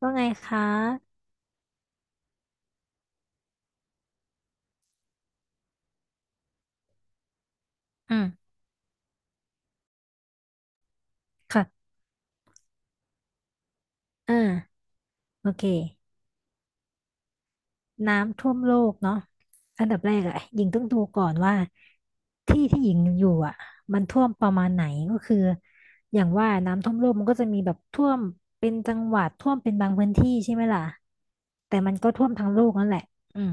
ว่าไงคะอืมค่ะอ่าโอเคน้ำท่วมโลกเนาะอันดับแรกอะหญิงต้องดูก่อนว่าที่ที่หญิงอยู่อะมันท่วมประมาณไหนก็คืออย่างว่าน้ำท่วมโลกมันก็จะมีแบบท่วมเป็นจังหวัดท่วมเป็นบางพื้นที่ใช่ไหมล่ะแต่มันก็ท่วมทั้งโลกนั่นแหละอืม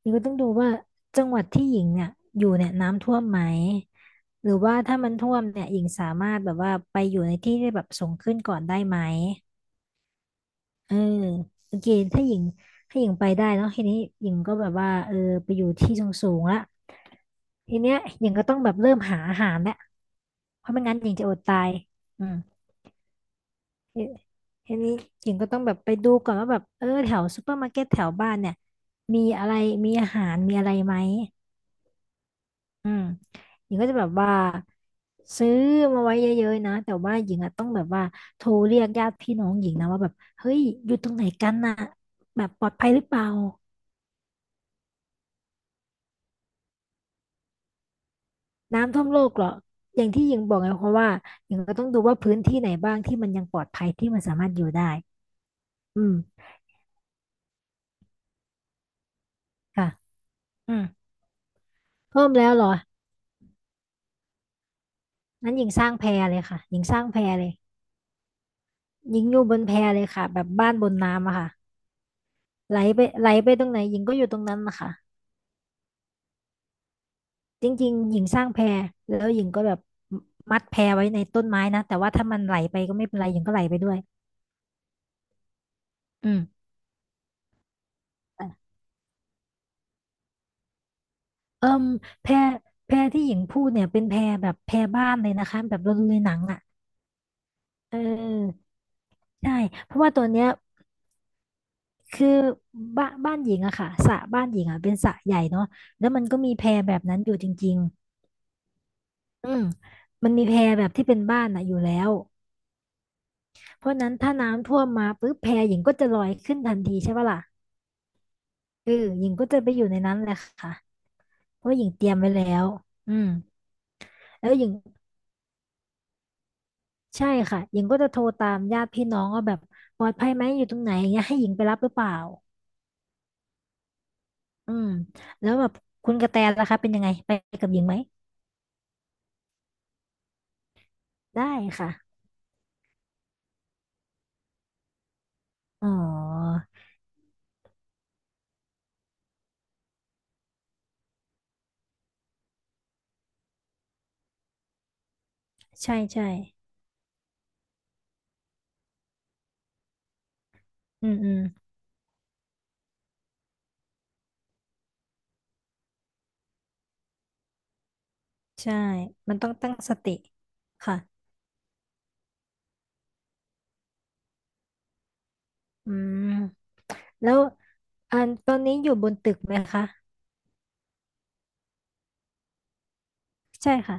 หญิงก็ต้องดูว่าจังหวัดที่หญิงเนี่ยอยู่เนี่ยน้ำท่วมไหมหรือว่าถ้ามันท่วมเนี่ยหญิงสามารถแบบว่าไปอยู่ในที่ที่แบบสูงขึ้นก่อนได้ไหม เออโอเคถ้าหญิงถ้าหญิงไปได้เนาะทีนี้หญิงก็แบบว่าเออไปอยู่ที่สูงๆละทีเนี้ยหญิงก็ต้องแบบเริ่มหาอาหารแล้วเพราะไม่งั้นหญิงจะอดตายอืมทีทีนี้หญิงก็ต้องแบบไปดูก่อนว่าแบบเออแถวซูเปอร์มาร์เก็ตแถวบ้านเนี่ยมีอะไรมีอาหารมีอะไรไหม อืมหญิงก็จะแบบว่าซื้อมาไว้เยอะๆนะแต่ว่าหญิงอะต้องแบบว่าโทรเรียกญาติพี่น้องหญิงนะว่าแบบเฮ้ยอยู่ตรงไหนกันน่ะแบบปลอดภัยหรือเปล่าน้ำท่วมโลกเหรออย่างที่หญิงบอกไงเพราะว่าหญิงก็ต้องดูว่าพื้นที่ไหนบ้างที่มันยังปลอดภัยที่มันสามารถอยู่ได้อืมค่ะอืมเพิ่มแล้วเหรอนั้นหญิงสร้างแพเลยค่ะหญิงสร้างแพเลยหญิงอยู่บนแพเลยค่ะแบบบ้านบนน้ำอะค่ะไหลไปไหลไปตรงไหนหญิงก็อยู่ตรงนั้นนะคะ จริงๆหญิงสร้างแพแล้วหญิงก็แบบมัดแพไว้ในต้นไม้นะแต่ว่าถ้ามันไหลไปก็ไม่เป็นไรหญิงก็ไหลไปด้วยอืม่เอิ่มแพแพที่หญิงพูดเนี่ยเป็นแพแบบแพบ้านเลยนะคะแบบเราดูในหนังอ่ะเออใช่เพราะว่าตัวเนี้ยคือบ้านหญิงอะค่ะสระบ้านหญิงอะเป็นสระใหญ่เนาะแล้วมันก็มีแพแบบนั้นอยู่จริงๆอืมมันมีแพแบบที่เป็นบ้านอะอยู่แล้วเพราะฉะนั้นถ้าน้ำท่วมมาปุ๊บแพหญิงก็จะลอยขึ้นทันทีใช่ปะล่ะ เออหญิงก็จะไปอยู่ในนั้นแหละค่ะเพราะว่าหญิงเตรียมไว้แล้วอืมแล้วหญิงใช่ค่ะหญิงก็จะโทรตามญาติพี่น้องว่าแบบปลอดภัยไหมอยู่ตรงไหนอย่างเงี้ยให้หญิงไปรับหรือเปล่าอืมแล้วแบบคุณกระแตล่ะคะเป็นยังไงไปกับหญิงไหมได้ค่ะอ๋อใช่ใช่อืมอืมใช่มันต้องตั้งสติค่ะอืมแล้วอันตอนนี้อยู่บนตึกไหมคะใช่ค่ะ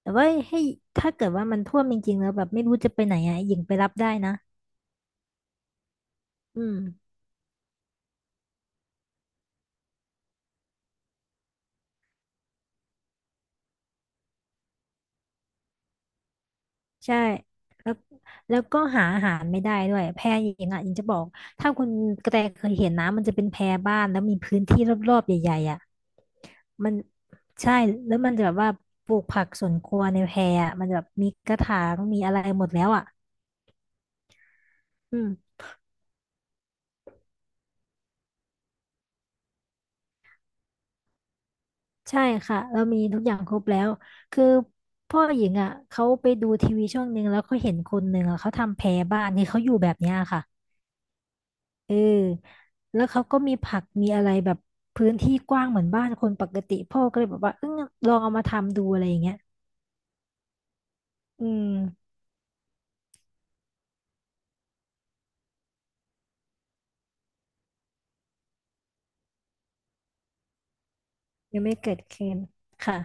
แต่ว่าให้ถ้าเกิดว่ามันท่วมจริงๆแล้วแบบไม่รู้จะไปไหนอ่ะหญิงไปรับได้นะอืมใช่แล้วแล้วก็หาอาหารไม่ได้ด้วยแพหญิงอ่ะหญิงจะบอกถ้าคุณกระแตเคยเห็นนะมันจะเป็นแพบ้านแล้วมีพื้นที่รอบๆใหญ่ๆอ่ะมันใช่แล้วมันจะแบบว่าปลูกผักสวนครัวในแพอ่ะมันจะแบบมีกระถางมีอะไรหมดแล้วอ่ะอืม ใช่ค่ะเรามีทุกอย่างครบแล้วคือพ่อหญิงอ่ะเขาไปดูทีวีช่องหนึ่งแล้วเขาเห็นคนหนึ่งอ่ะเขาทำแพรบ้านนี่เขาอยู่แบบเนี้ยค่ะเออแล้วเขาก็มีผักมีอะไรแบบพื้นที่กว้างเหมือนบ้านคนปกติพ่อก็เลยแบบว่าเออลองเอามาทำดูอะไรอย่างเงี้ยอืมยังไม่เกิดขึ้นค่ะ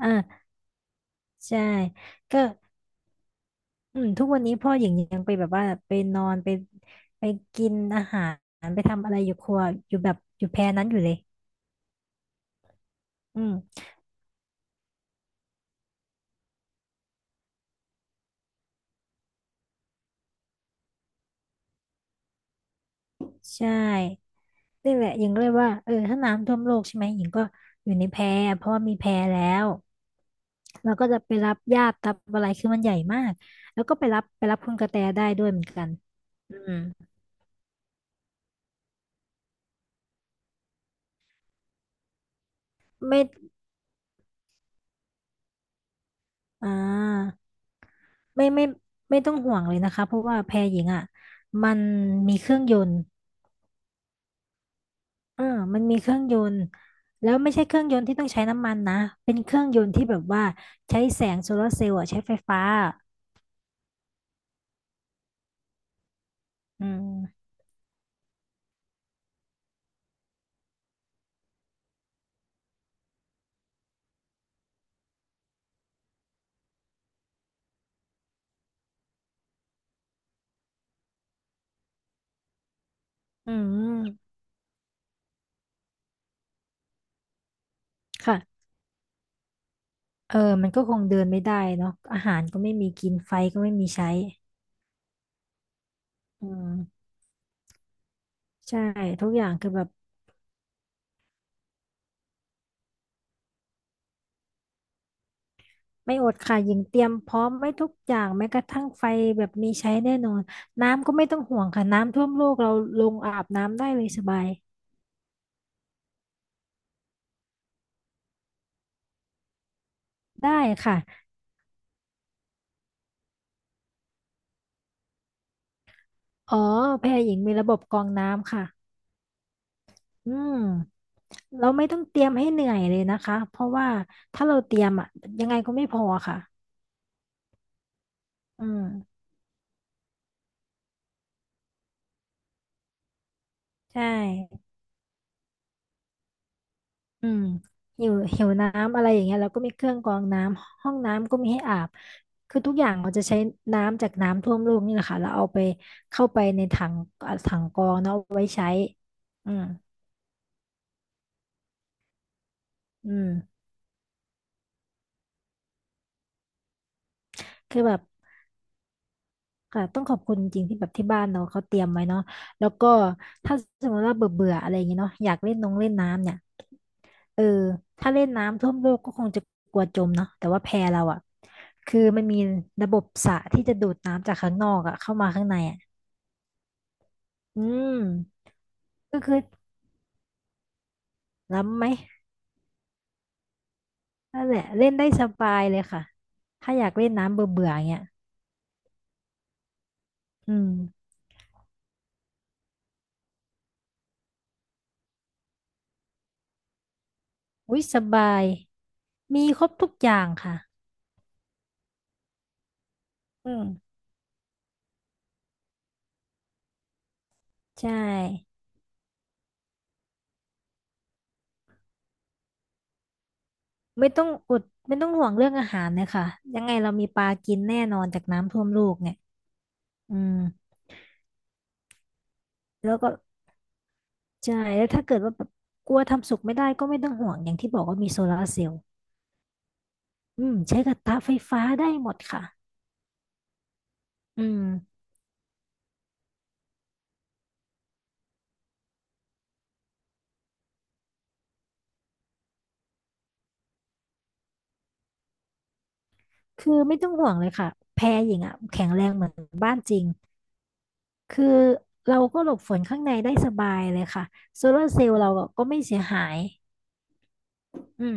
อ่าใช่ก็อืมทุกวันนี้พ่อหญิงยังไปแบบว่าไปนอนไปกินอาหารไปทำอะไรอยู่ครัวอยู่แบบอยู่แพรนั้นอยู่เลยอืม ใช่ นี่แหละหญิงก็เลยว่าเออถ้าน้ำท่วมโลกใช่ไหมหญิงก็อยู่ในแพเพราะว่ามีแพแล้วเราก็จะไปรับญาติรับอะไรคือมันใหญ่มาก แล้วก็ไปรับคุณกระแตได้ด้วยเหมือนกันอืมไม่อ่าไม่ไม่ไม่ต้องห่วงเลยนะคะเพราะว่าแพหญิงอ่ะ มันมีเครื่องยนต์เออมันมีเครื่องยนต์แล้วไม่ใช่เครื่องยนต์ที่ต้องใช้น้ำมันนะเป็นเครื่องยนต์ที่แบบว่าใช้แสงโซลาร์เซลล์อะใช้ไฟฟ้าอืมอืม ค่ะเออมันก็คงเดินไม่ได้เนาะอาหารก็ไม่มีกิน ไฟก็ไม่มีใช้อืมใช่ ทุกอย่างคือแบบไม่อดค่ะยิงเตรียมพร้อมไว้ทุกอย่างแม้กระทั่งไฟแบบมีใช้แน่นอนน้ำก็ไม่ต้องห่วงค่ะ น้ำท่วมโลกเราลงอาบน้ำได้เลยสบายได้ค่ะอ๋อแพรหญิงมีระบบกรองน้ำค่ะ อืมเราไม่ต้องเตรียมให้เหนื่อยเลยนะคะ เพราะว่าถ้าเราเตรียมอะยังไงก็ไม่พอค่ะอืมใช่ อืมหิวหิวน้ำอะไรอย่างเงี้ยเราก็มีเครื่องกรองน้ำห้องน้ำก็มีให้อาบคือทุกอย่างเราจะใช้น้ำจากน้ำท่วมโลกนี่แหละค่ะเราเอาไปเข้าไปในถังอ่ะถังกรองเนาะเอาไว้ใช้อืมอืมคือแบบค่ะต้องขอบคุณจริงที่แบบที่บ้านเราเขาเตรียมไว้เนาะแล้วก็ถ้าสมมติว่าเบื่อเบื่ออะไรอย่างเงี้ยเนาะอยากเล่นน้องเล่นน้ำเนี่ยเออถ้าเล่นน้ำท่วมโลกก็คงจะกลัวจมเนาะแต่ว่าแพเราอะคือมันมีระบบสระที่จะดูดน้ำจากข้างนอกอะเข้ามาข้างในอะ อืมก็คือล้ำไหมนั่นแหละเล่นได้สบายเลยค่ะถ้าอยากเล่นน้ำเบื่อเบื่อเงี้ยอืมอุ้ยสบายมีครบทุกอย่างค่ะอืมใช่ไม่ต้องอดไม่ต้องห่วงเรื่องอาหารเลยค่ะยังไงเรามีปลากินแน่นอนจากน้ำท่วมโลกเนี่ยอืมแล้วก็ใช่แล้วถ้าเกิดว่าแบบกลัวทำสุกไม่ได้ก็ไม่ต้องห่วงอย่างที่บอกว่ามีโซลาร์เซลล์อืมใช้กระทะไฟฟ้าได้หมดค่ะอืม คือไม่ต้องห่วงเลยค่ะแพรหญิงอ่ะแข็งแรงเหมือนบ้านจริงคือเราก็หลบฝนข้างในได้สบายเลยค่ะโซลาร์เซลล์เราก็ไม่เสียหายอืม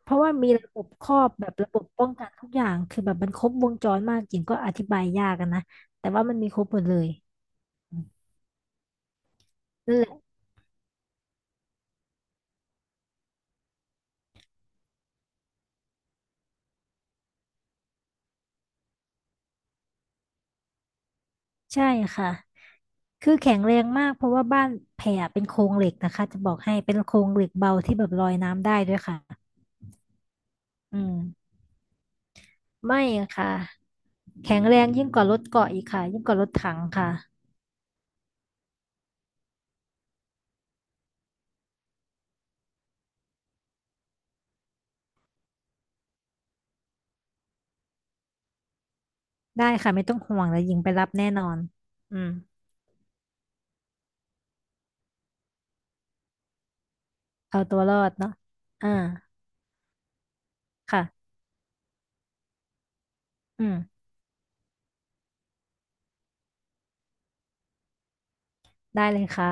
เพราะว่ามีระบบครอบแบบระบบป้องกันทุกอย่างคือแบบมันครบวงจรมากจริงก็อธิบายยากอะนนะแต่ว่ามันมีครบหมดเลยอืมนั่นแหละใช่ค่ะคือแข็งแรงมากเพราะว่าบ้านแพรเป็นโครงเหล็กนะคะจะบอกให้เป็นโครงเหล็กเบาที่แบบลอยน้ำได้ด้วยค่ะอืมไม่ค่ะ แข็งแรงยิ่งกว่ารถเกาะอีกค่ะยิ่งกว่ารถถังค่ะได้ค่ะไม่ต้องห่วงแล้วหญิงไปรับแน่นอนอืมเอาตัวรอดเนาะอ่าค่ะอืมได้เลยค่ะ